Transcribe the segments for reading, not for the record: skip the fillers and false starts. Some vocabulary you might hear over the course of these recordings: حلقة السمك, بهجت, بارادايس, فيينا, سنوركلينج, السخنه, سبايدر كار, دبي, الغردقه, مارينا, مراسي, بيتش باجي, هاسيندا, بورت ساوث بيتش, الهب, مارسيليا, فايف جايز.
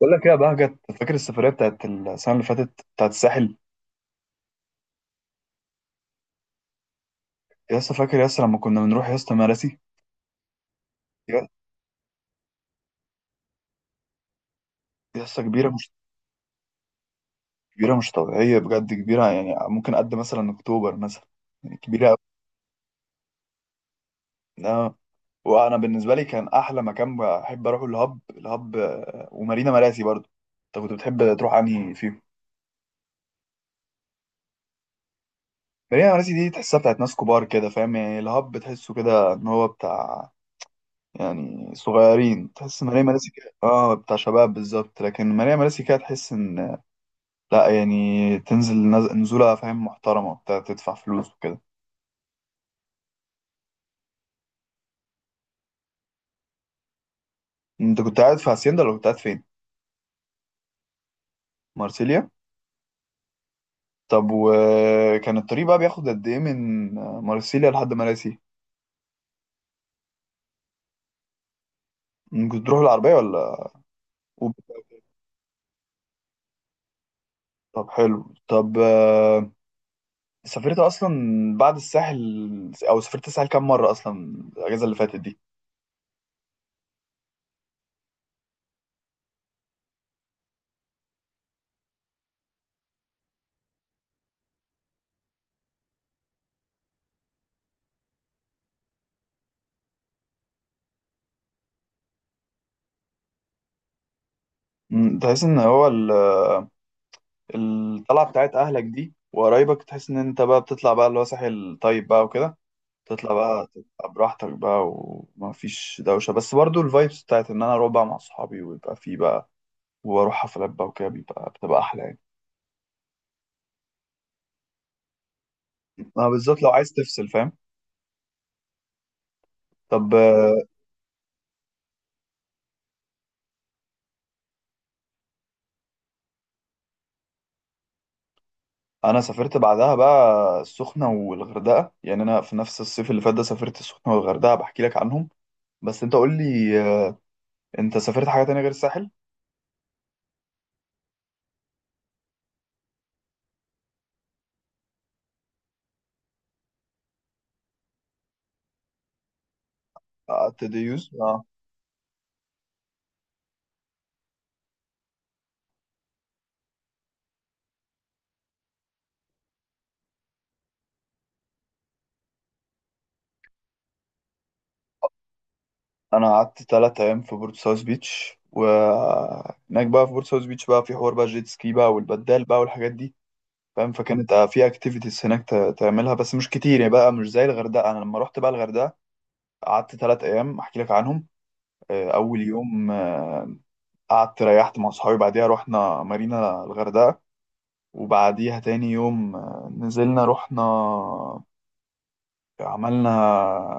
بقول لك ايه يا بهجت؟ فاكر السفرية بتاعت السنة اللي فاتت بتاعت الساحل؟ يا اسطى فاكر، يا اسطى لما كنا بنروح يا اسطى مراسي. يا يا اسطى كبيرة مش؟ كبيرة مش طبيعية، بجد كبيرة، يعني ممكن قد مثلا أكتوبر مثلا، يعني كبيرة أوي. آه. وأنا بالنسبة لي كان أحلى مكان بحب أروحه الهب. ومارينا مراسي برضه. أنت كنت بتحب تروح أنهي فيهم؟ مارينا مراسي دي تحسها بتاعت ناس كبار كده، فاهم يعني؟ الهب تحسه كده إن هو بتاع، يعني صغيرين. تحس ماريا مراسي كده بتاع شباب بالظبط، لكن ماريا مراسي كده تحس ان، لا يعني، تنزل نزولة فاهم، محترمة بتاع تدفع فلوس وكده. انت كنت قاعد في هاسيندا ولا كنت قاعد فين؟ مارسيليا؟ طب، وكان الطريق بقى بياخد قد ايه من مارسيليا لحد مراسي؟ كنت تروح العربية ولا أوبر؟ طب حلو. طب، سافرت اصلا بعد الساحل، او سافرت الساحل كام مرة اصلا الاجازة اللي فاتت دي؟ تحس ان هو الطلعه بتاعت اهلك دي وقرايبك، تحس ان انت بقى بتطلع بقى اللي هو ساحل طيب بقى وكده، تطلع بقى تبقى براحتك بقى وما فيش دوشه، بس برضو الفايبس بتاعت ان انا اروح بقى مع اصحابي ويبقى في بقى واروح حفلات بقى وكده بتبقى احلى يعني، ما بالذات لو عايز تفصل فاهم. طب، انا سافرت بعدها بقى السخنه والغردقه، يعني انا في نفس الصيف اللي فات ده سافرت السخنه والغردقه بحكي لك عنهم. بس انت قول لي، انت سافرت حاجه تانية غير الساحل؟ قعدت ديوز. انا قعدت 3 ايام في بورت ساوث بيتش، وهناك بقى في بورت ساوث بيتش بقى في حوار بقى جيت سكي بقى والبدال بقى والحاجات دي، فاهم؟ فكانت في اكتيفيتيز هناك تعملها بس مش كتير يعني بقى مش زي الغردقه. انا لما رحت بقى الغردقه قعدت 3 ايام احكي لك عنهم. اول يوم قعدت ريحت مع صحابي، بعديها رحنا مارينا الغردقه. وبعديها تاني يوم نزلنا رحنا، عملنا،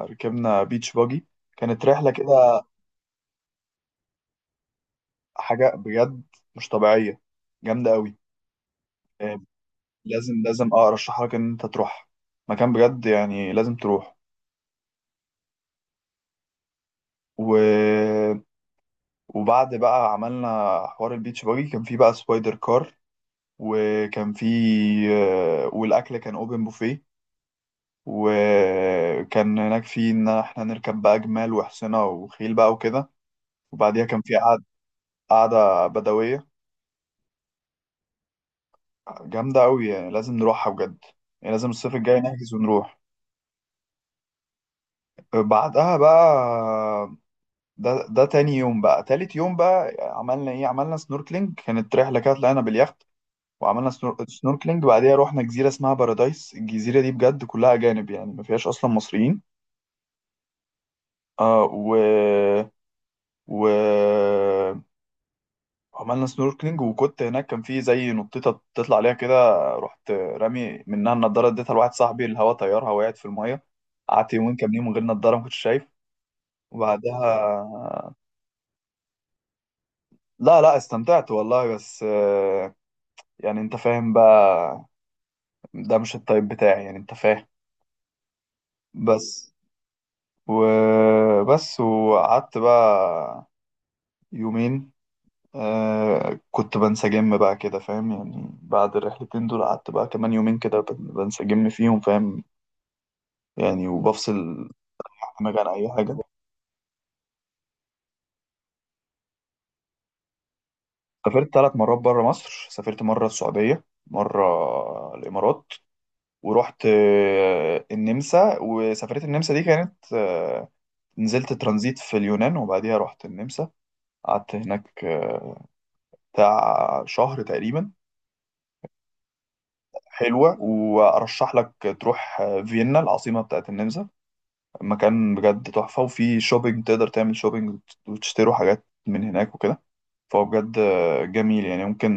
ركبنا بيتش باجي، كانت رحله كده حاجه بجد مش طبيعيه، جامده قوي. آه، لازم ارشح لك ان انت تروح مكان بجد، يعني لازم تروح. و... وبعد بقى عملنا حوار البيتش باجي، كان في بقى سبايدر كار، وكان في والاكل كان اوبن بوفيه، وكان هناك في ان احنا نركب بقى جمال وحصنة وخيل بقى وكده. وبعديها كان في قعدة بدوية جامدة أوي، يعني لازم نروحها بجد، يعني لازم الصيف الجاي نحجز ونروح. بعدها بقى، ده تاني يوم بقى تالت يوم بقى، عملنا ايه؟ عملنا سنوركلينج، كانت رحله كده طلعنا باليخت وعملنا سنوركلينج، بعديها رحنا جزيره اسمها بارادايس. الجزيره دي بجد كلها اجانب، يعني ما فيهاش اصلا مصريين. آه و و عملنا سنوركلينج، وكنت هناك كان في زي نطيطه تطلع عليها كده، رحت رامي منها النضاره، اديتها لواحد صاحبي، الهوا طيرها وقعت في الميه. قعدت يومين كاملين من غير نضاره، ما كنتش شايف. وبعدها، لا لا استمتعت والله، بس يعني انت فاهم بقى، ده مش التايب بتاعي يعني، انت فاهم. بس. وبس وقعدت بقى يومين، كنت بنسجم بقى كده فاهم، يعني بعد الرحلتين دول قعدت بقى كمان يومين كده بنسجم فيهم، فاهم؟ يعني وبفصل دماغي عن اي حاجة. سافرت 3 مرات بره مصر. سافرت مرة السعودية، مرة الإمارات، ورحت النمسا. وسفرية النمسا دي كانت، نزلت ترانزيت في اليونان، وبعديها رحت النمسا. قعدت هناك بتاع شهر تقريبا. حلوة، وأرشح لك تروح فيينا العاصمة بتاعت النمسا، مكان بجد تحفة، وفي شوبينج تقدر تعمل شوبينج وتشتروا حاجات من هناك وكده. فهو بجد جميل. يعني ممكن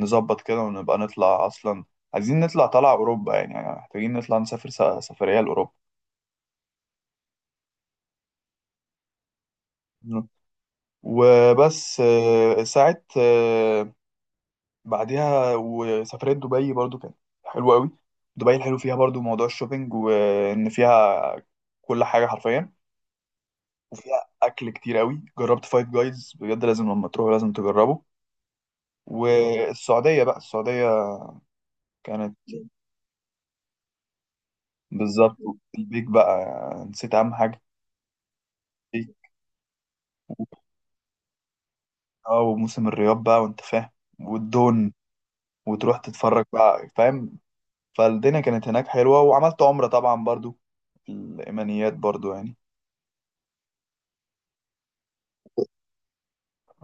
نظبط كده ونبقى نطلع، أصلا عايزين نطلع طلع أوروبا، يعني محتاجين نطلع نسافر سفرية لأوروبا. وبس، ساعة، بعدها وسافرت دبي برضو، كانت حلوة قوي. دبي الحلو فيها برضو موضوع الشوبينج، وإن فيها كل حاجة حرفيا. وفيها أكل كتير قوي، جربت فايف جايز بجد، لازم لما تروحوا لازم تجربه. والسعودية بقى، السعودية كانت بالظبط، البيك بقى، نسيت أهم حاجة. اه وموسم الرياض بقى، وأنت فاهم، والدون، وتروح تتفرج بقى، فاهم؟ فالدنيا كانت هناك حلوة، وعملت عمرة طبعا برضو، الإيمانيات برضو يعني.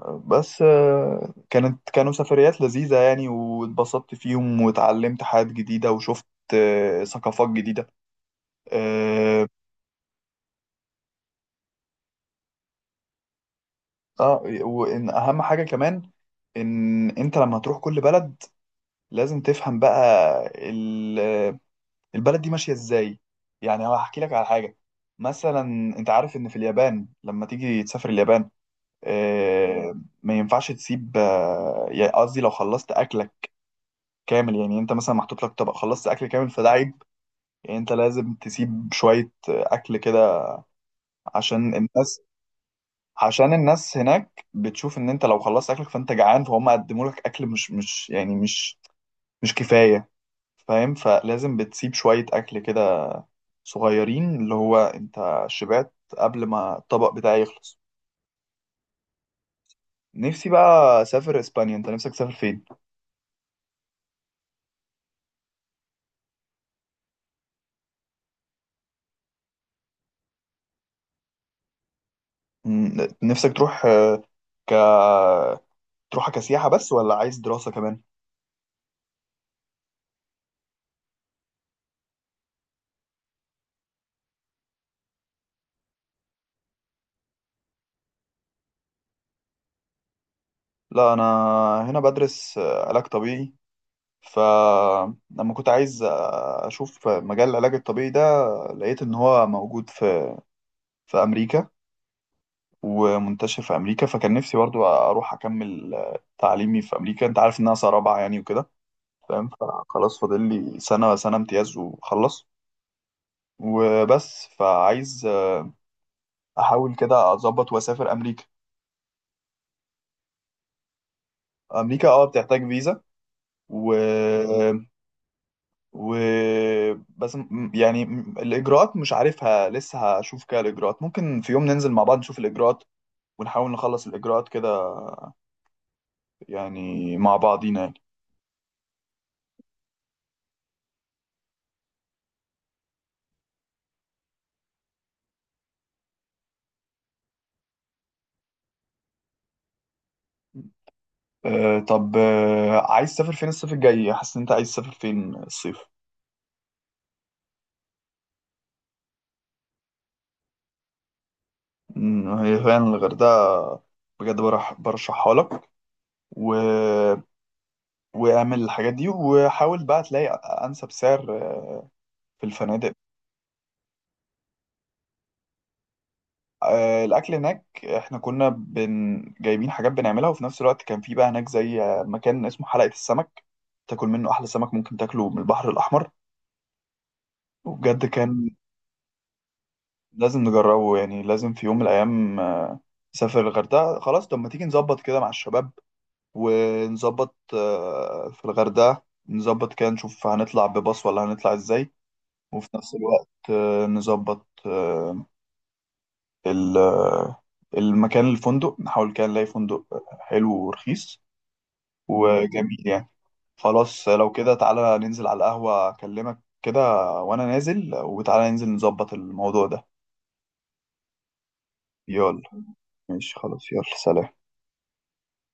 بس كانوا سفريات لذيذة يعني، واتبسطت فيهم واتعلمت حاجات جديدة، وشفت ثقافات جديدة. اه. وإن أهم حاجة كمان، إن أنت لما هتروح كل بلد لازم تفهم بقى ال- آه، البلد دي ماشية إزاي. يعني هحكي لك على حاجة، مثلا أنت عارف إن في اليابان لما تيجي تسافر اليابان آه، ما ينفعش تسيب، يعني قصدي لو خلصت اكلك كامل، يعني انت مثلا محطوط لك طبق، خلصت اكل كامل، فده عيب. يعني انت لازم تسيب شوية اكل كده عشان الناس. عشان الناس هناك بتشوف ان انت لو خلصت اكلك فانت جعان، فهم قدموا لك اكل مش يعني مش كفاية، فاهم؟ فلازم بتسيب شوية اكل كده صغيرين، اللي هو انت شبعت قبل ما الطبق بتاعي يخلص. نفسي بقى اسافر اسبانيا، انت نفسك تسافر فين؟ نفسك تروح آه، ك تروحها كسياحة بس، ولا عايز دراسة كمان؟ لا، أنا هنا بدرس علاج طبيعي. فلما كنت عايز أشوف مجال العلاج الطبيعي ده، لقيت إن هو موجود في أمريكا، ومنتشر في أمريكا. فكان نفسي برضو أروح أكمل تعليمي في أمريكا. أنت عارف إن أنا سنة رابعة يعني وكده، فاهم؟ فخلاص، فاضل لي سنة، سنة امتياز وخلص. وبس. فعايز أحاول كده أظبط وأسافر أمريكا. امريكا بتحتاج فيزا. و و بس يعني الاجراءات مش عارفها لسه، هشوف كده الاجراءات. ممكن في يوم ننزل مع بعض نشوف الاجراءات، ونحاول نخلص الاجراءات كده يعني، مع بعضينا يعني. طب، عايز تسافر فين الصيف الجاي؟ حاسس ان انت عايز تسافر فين الصيف؟ هي فعلا الغردقه بجد، برشحها لك، و... واعمل الحاجات دي، وحاول بقى تلاقي انسب سعر في الفنادق. الاكل هناك احنا كنا جايبين حاجات بنعملها، وفي نفس الوقت كان في بقى هناك زي مكان اسمه حلقة السمك، تاكل منه احلى سمك ممكن تاكله من البحر الاحمر، وبجد كان لازم نجربه. يعني لازم في يوم من الايام نسافر الغردقة، خلاص. طب ما تيجي نظبط كده مع الشباب ونظبط في الغردقة، نظبط كده نشوف هنطلع بباص ولا هنطلع ازاي. وفي نفس الوقت نظبط ال- آه، المكان الفندق، نحاول كده نلاقي فندق حلو ورخيص وجميل يعني. خلاص لو كده تعالى ننزل على القهوة، أكلمك كده وأنا نازل، وتعالى ننزل نظبط الموضوع ده. يلا ماشي خلاص. يلا سلام.